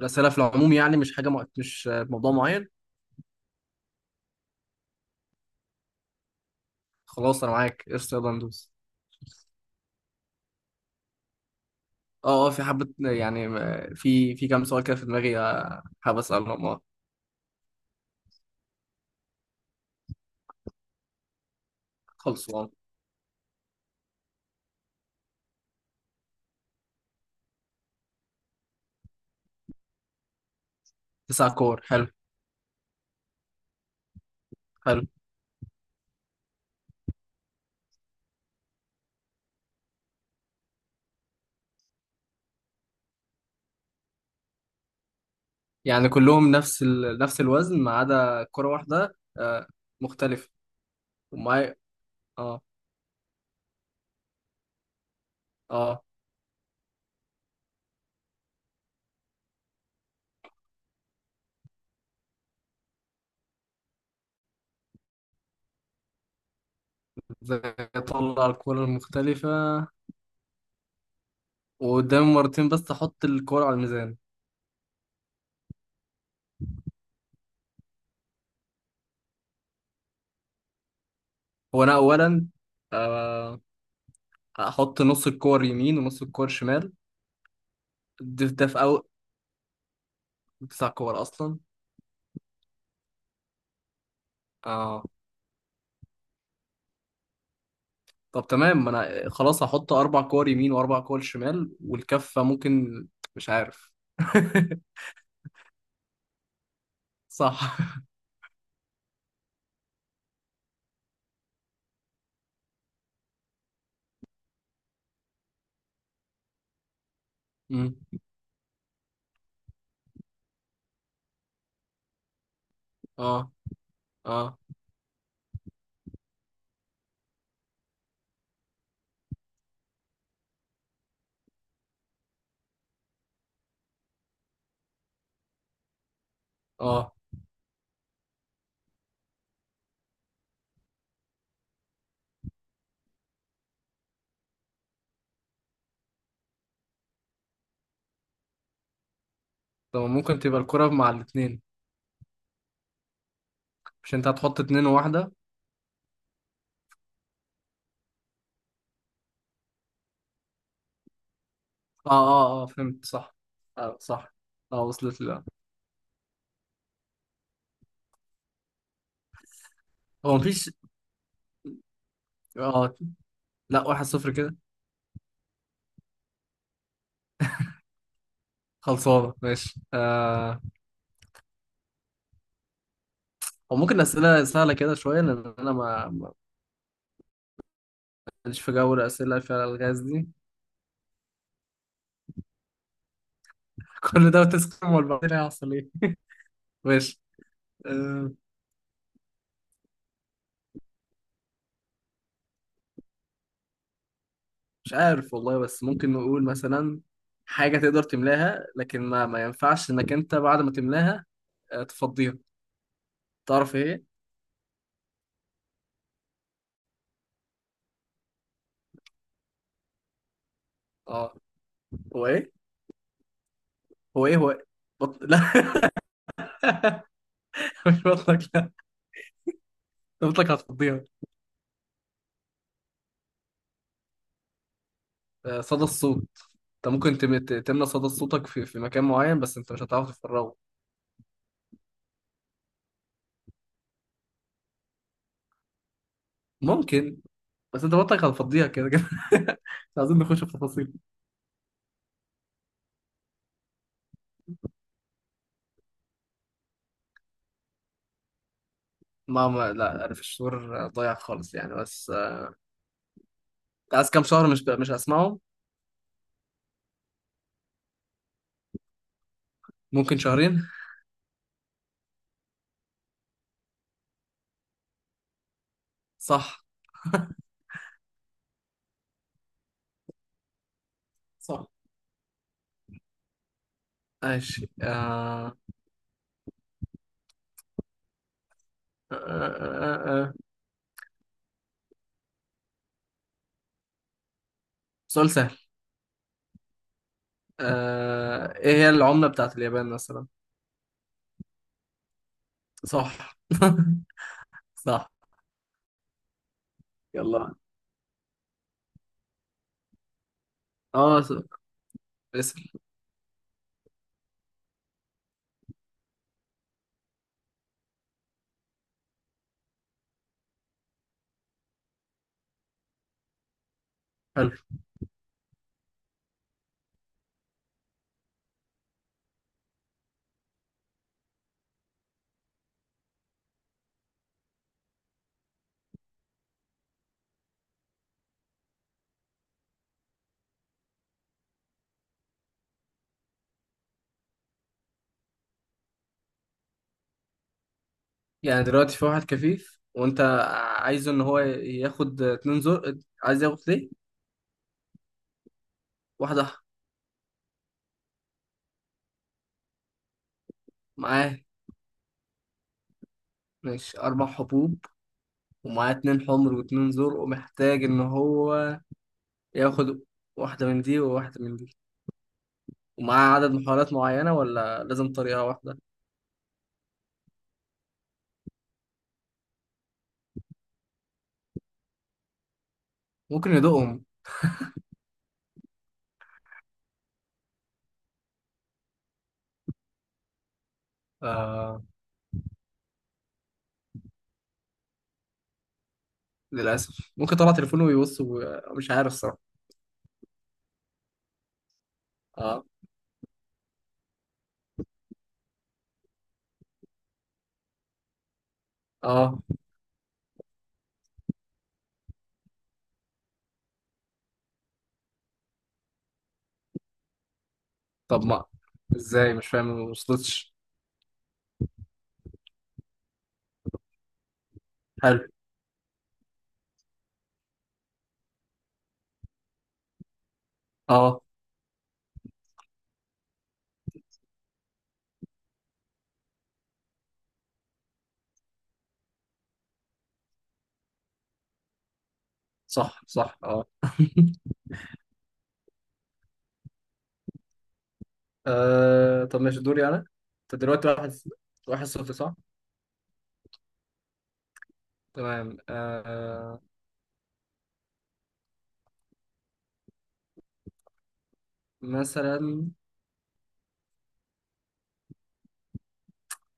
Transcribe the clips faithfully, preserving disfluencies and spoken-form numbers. الأسئلة في العموم يعني مش حاجة مو- مش موضوع معين. خلاص، أنا معاك قشطة، يلا ندوس. اه، اه، في حبة يعني م- في في كام سؤال كده في دماغي، آه، حابب أسألهم. اه. خلص. اه. تسع كور. حلو. حلو، يعني كلهم نفس ال... نفس الوزن ما عدا كرة واحدة آه، مختلفة. ومعايا. اه. اه. ازاي اطلع الكرة المختلفة وقدامي مرتين بس احط الكرة على الميزان؟ هو انا اولا، آه، هحط نص الكور يمين ونص الكور شمال. ده, ده في أول تسع كور أصلا. اه. طب تمام، ما أنا خلاص هحط أربع كور يمين وأربع كور شمال والكفة ممكن. مش عارف. صح. مم. اه. اه. اه. طب ممكن تبقى الكرة مع الاتنين؟ مش انت هتحط اتنين وواحدة؟ اه، اه، اه، فهمت صح. آه، صح. اه، وصلت لي، لا. هو مفيش. اه، لا، واحد صفر كده. خلصانة، ماشي، آه. هو ممكن أسئلة سهلة كده شوية لأن أنا ما ما- ماليش في جو الأسئلة فيها الألغاز دي. كل ده وتسخن، امال بعدين هيحصل ايه؟ ماشي. أه. مش عارف والله، بس ممكن نقول مثلا حاجة تقدر تملاها لكن ما ما ينفعش انك انت بعد ما تملاها آه، تفضيها. تعرف ايه؟ اه، هو ايه، هو ايه، هو إيه؟ بط... لا. مش بطلك، لا. بطلك هتفضيها. آه، صدى الصوت. انت ممكن تم- ت- تملى صدى صوتك في في مكان معين بس انت مش هتعرف تفرغه. ممكن. بس انت بطلك هتفضيها كده كده. مش عايزين نخش في تفاصيل. ما ما لا، انا في الشعور ضايع خالص يعني، بس. عايز كام شهر؟ مش مش هسمعه. ممكن شهرين. صح، صح، ماشي. آه. آه. آه. آه. آه. سؤال سهل. آه... ايه هي العملة بتاعت اليابان مثلا؟ صح. صح. يلا، اه، س- اسأل. حلو. يعني دلوقتي في واحد كفيف وانت عايزه ان هو ياخد اتنين زر. عايز ياخد ليه؟ واحدة. معاه. ماشي أربع حبوب. ومعاه اتنين حمر واتنين زر ومحتاج إن هو ياخد واحدة من دي وواحدة من دي. ومعاه عدد محاولات معينة ولا لازم طريقة واحدة؟ ممكن يدوقهم. آه للأسف ممكن طلع تليفونه ويبص و- مش عارف صراحة. اه، اه، طب ما ازاي؟ مش فاهم، ما وصلتش. حلو. اه، صح، صح، اه. آه. طب ماشي، دوري أنا. انت دلوقتي واحد واحد صفر، صح؟ تمام. آه. مثلا،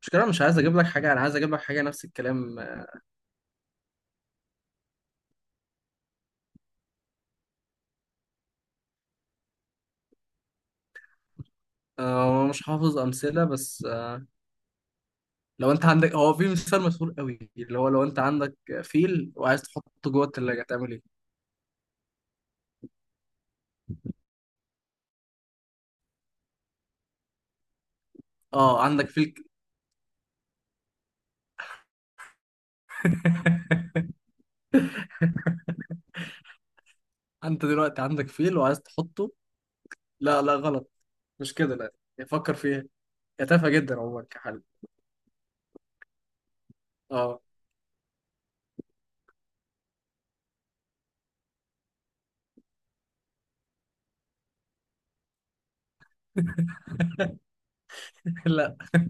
مش كده، مش عايز اجيب لك حاجة، انا عايز اجيب لك حاجة نفس الكلام. آه مش حافظ امثلة، بس آه، لو انت عندك هو في مثال مشهور قوي، اللي هو لو انت عندك فيل وعايز تحطه جوه التلاجة، تعمل ايه؟ اه، عندك فيل ك- انت دلوقتي عندك فيل وعايز تحطه. لا، لا، غلط، مش كده، لا. يعني فكر فيها، هي تافهة جدا عموما كحل. اه. لا.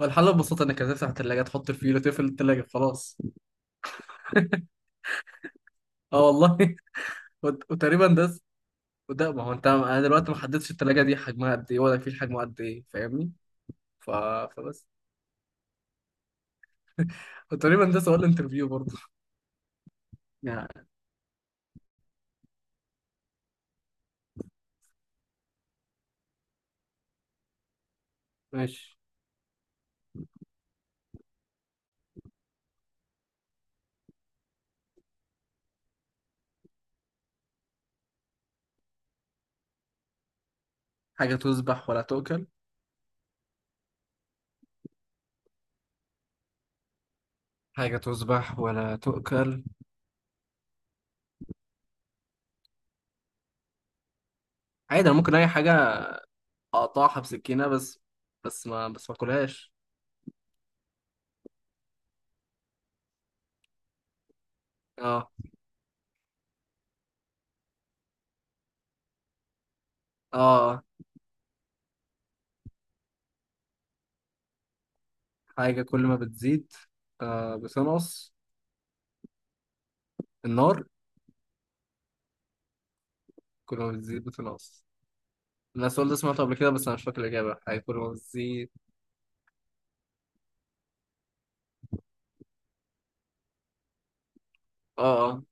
هو الحل ببساطة انك هتفتح التلاجة، تحط الفيل، وتقفل التلاجة. خلاص. اه والله. وت- وتقريبا ده س- وده، ما هو انت، انا دلوقتي ما حددتش التلاجة دي حجمها قد ايه ولا الفيل حجمه قد ايه، فاهمني؟ ف... فبس. وتقريبا ده سؤال انترفيو برضه. يعني. ماشي. حاجة تذبح ولا تؤكل؟ حاجة تذبح ولا تؤكل؟ عادي، أنا ممكن أي حاجة أقطعها بسكينة، بس. بس ما بس ما أكلهاش. آه. آه. آه. حاجة كل ما بتزيد آه بتنقص. النار. كل ما بتزيد بتنقص. أنا السؤال ده سمعته قبل كده بس أنا مش فاكر الإجابة. حاجة كل ما بتزيد. آه. آه.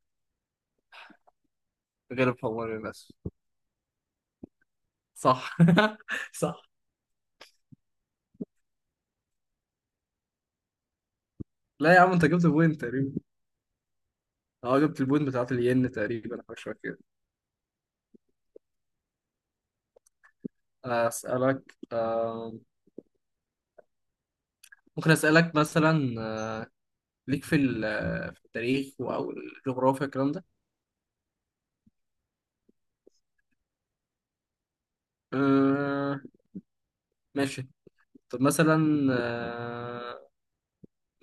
غير الحمار للأسف. صح. صح. لا يا عم، أنت جبت بوينت تقريبا. اه، جبت البوينت بتاعت الين تقريبا، حاجة شوية كده. أسألك، آه. ممكن أسألك مثلا آه، ليك في ال- في التاريخ او الجغرافيا الكلام ده؟ آه ماشي. طب مثلا، آه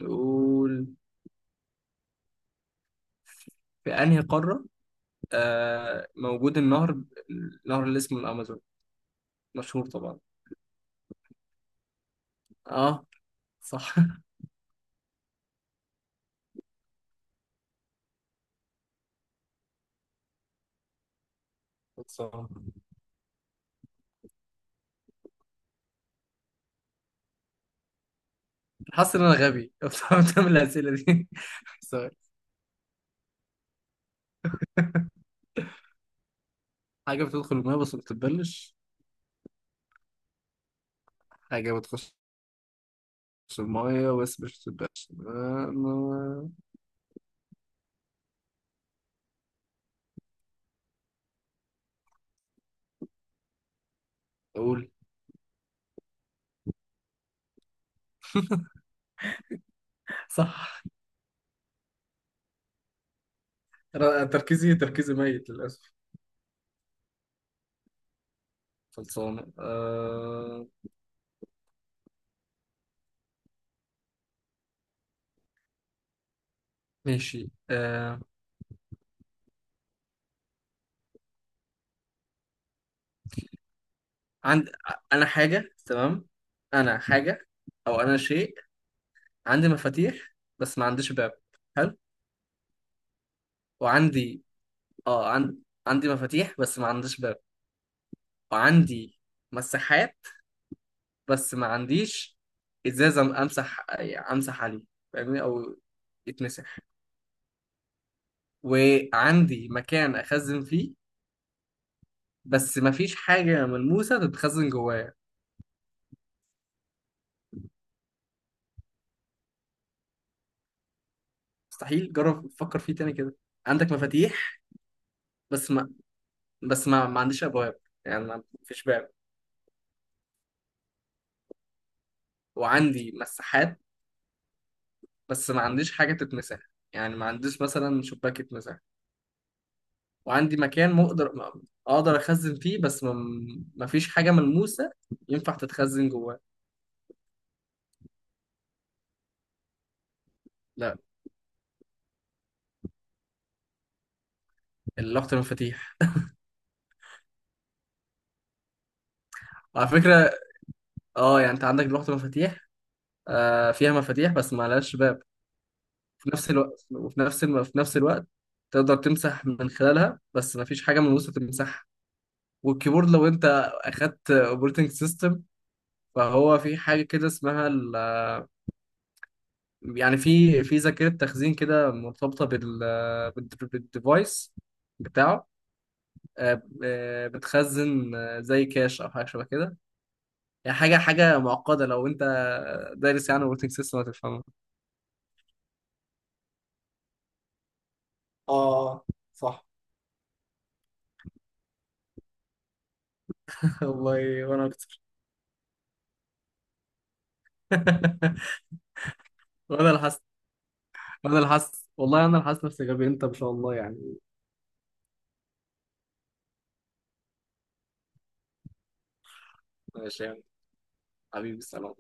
نقول، في انهي قارة آه موجود النهر، النهر اللي اسمه الامازون، مشهور طبعا؟ اه، صح. خلصان. حاسس ان انا غبي، بصراحة، من الاسئله دي. سوري. حاجه بتدخل الميه بس ما بتتبلش؟ حاجه بتخش الميه بس مش بتتبلش. آه، ما- اقول. صح. أنا تركيزي تركيزي ميت للاسف. خلصانة. آه... ماشي. آه... عند. أنا حاجة. تمام، أنا حاجة أو أنا شيء. عندي مفاتيح بس ما عنديش باب. حلو. وعندي. آه عن... عندي مفاتيح بس ما عنديش باب. وعندي مساحات بس ما عنديش إزازة أمسح أمسح عليه، فاهمني؟ أو يتمسح. وعندي مكان أخزن فيه بس ما فيش حاجة ملموسة تتخزن جوايا. مستحيل. جرب فكر فيه تاني كده. عندك مفاتيح، بس ما بس ما, ما عنديش ابواب، يعني ما فيش باب. وعندي مساحات بس ما عنديش حاجه تتمسح، يعني ما عنديش مثلا شباك يتمسح. وعندي مكان مقدر ما- اقدر اخزن فيه، بس ما, ما فيش حاجه ملموسه ينفع تتخزن جواه. لا. لوحه المفاتيح. وعلى فكره، اه، يعني انت عندك لوحه مفاتيح آه فيها مفاتيح بس ما لهاش باب. في نفس الوقت، وفي نفس الم... في نفس الوقت تقدر تمسح من خلالها بس ما فيش حاجه ملموسه تمسحها. والكيبورد، لو انت اخدت اوبريتنج سيستم، فهو في حاجة كده اسمها ال... يعني في في ذاكرة تخزين كده مرتبطة بال... بال- بالديفايس بتاعه. آه، آه، بتخزن، آه، زي كاش أو حاجة شبه كده. يعني حاجة حاجة معقدة، لو أنت دارس يعني اوبريتنج سيستم هتفهمها. اه، صح. والله، وأنا أكتر. وأنا اللي حاسس، وأنا اللي حاسس والله، أنا اللي حاسس نفسي غبي، أنت ما شاء الله يعني. ماشي يعني. حبيبي، السلام.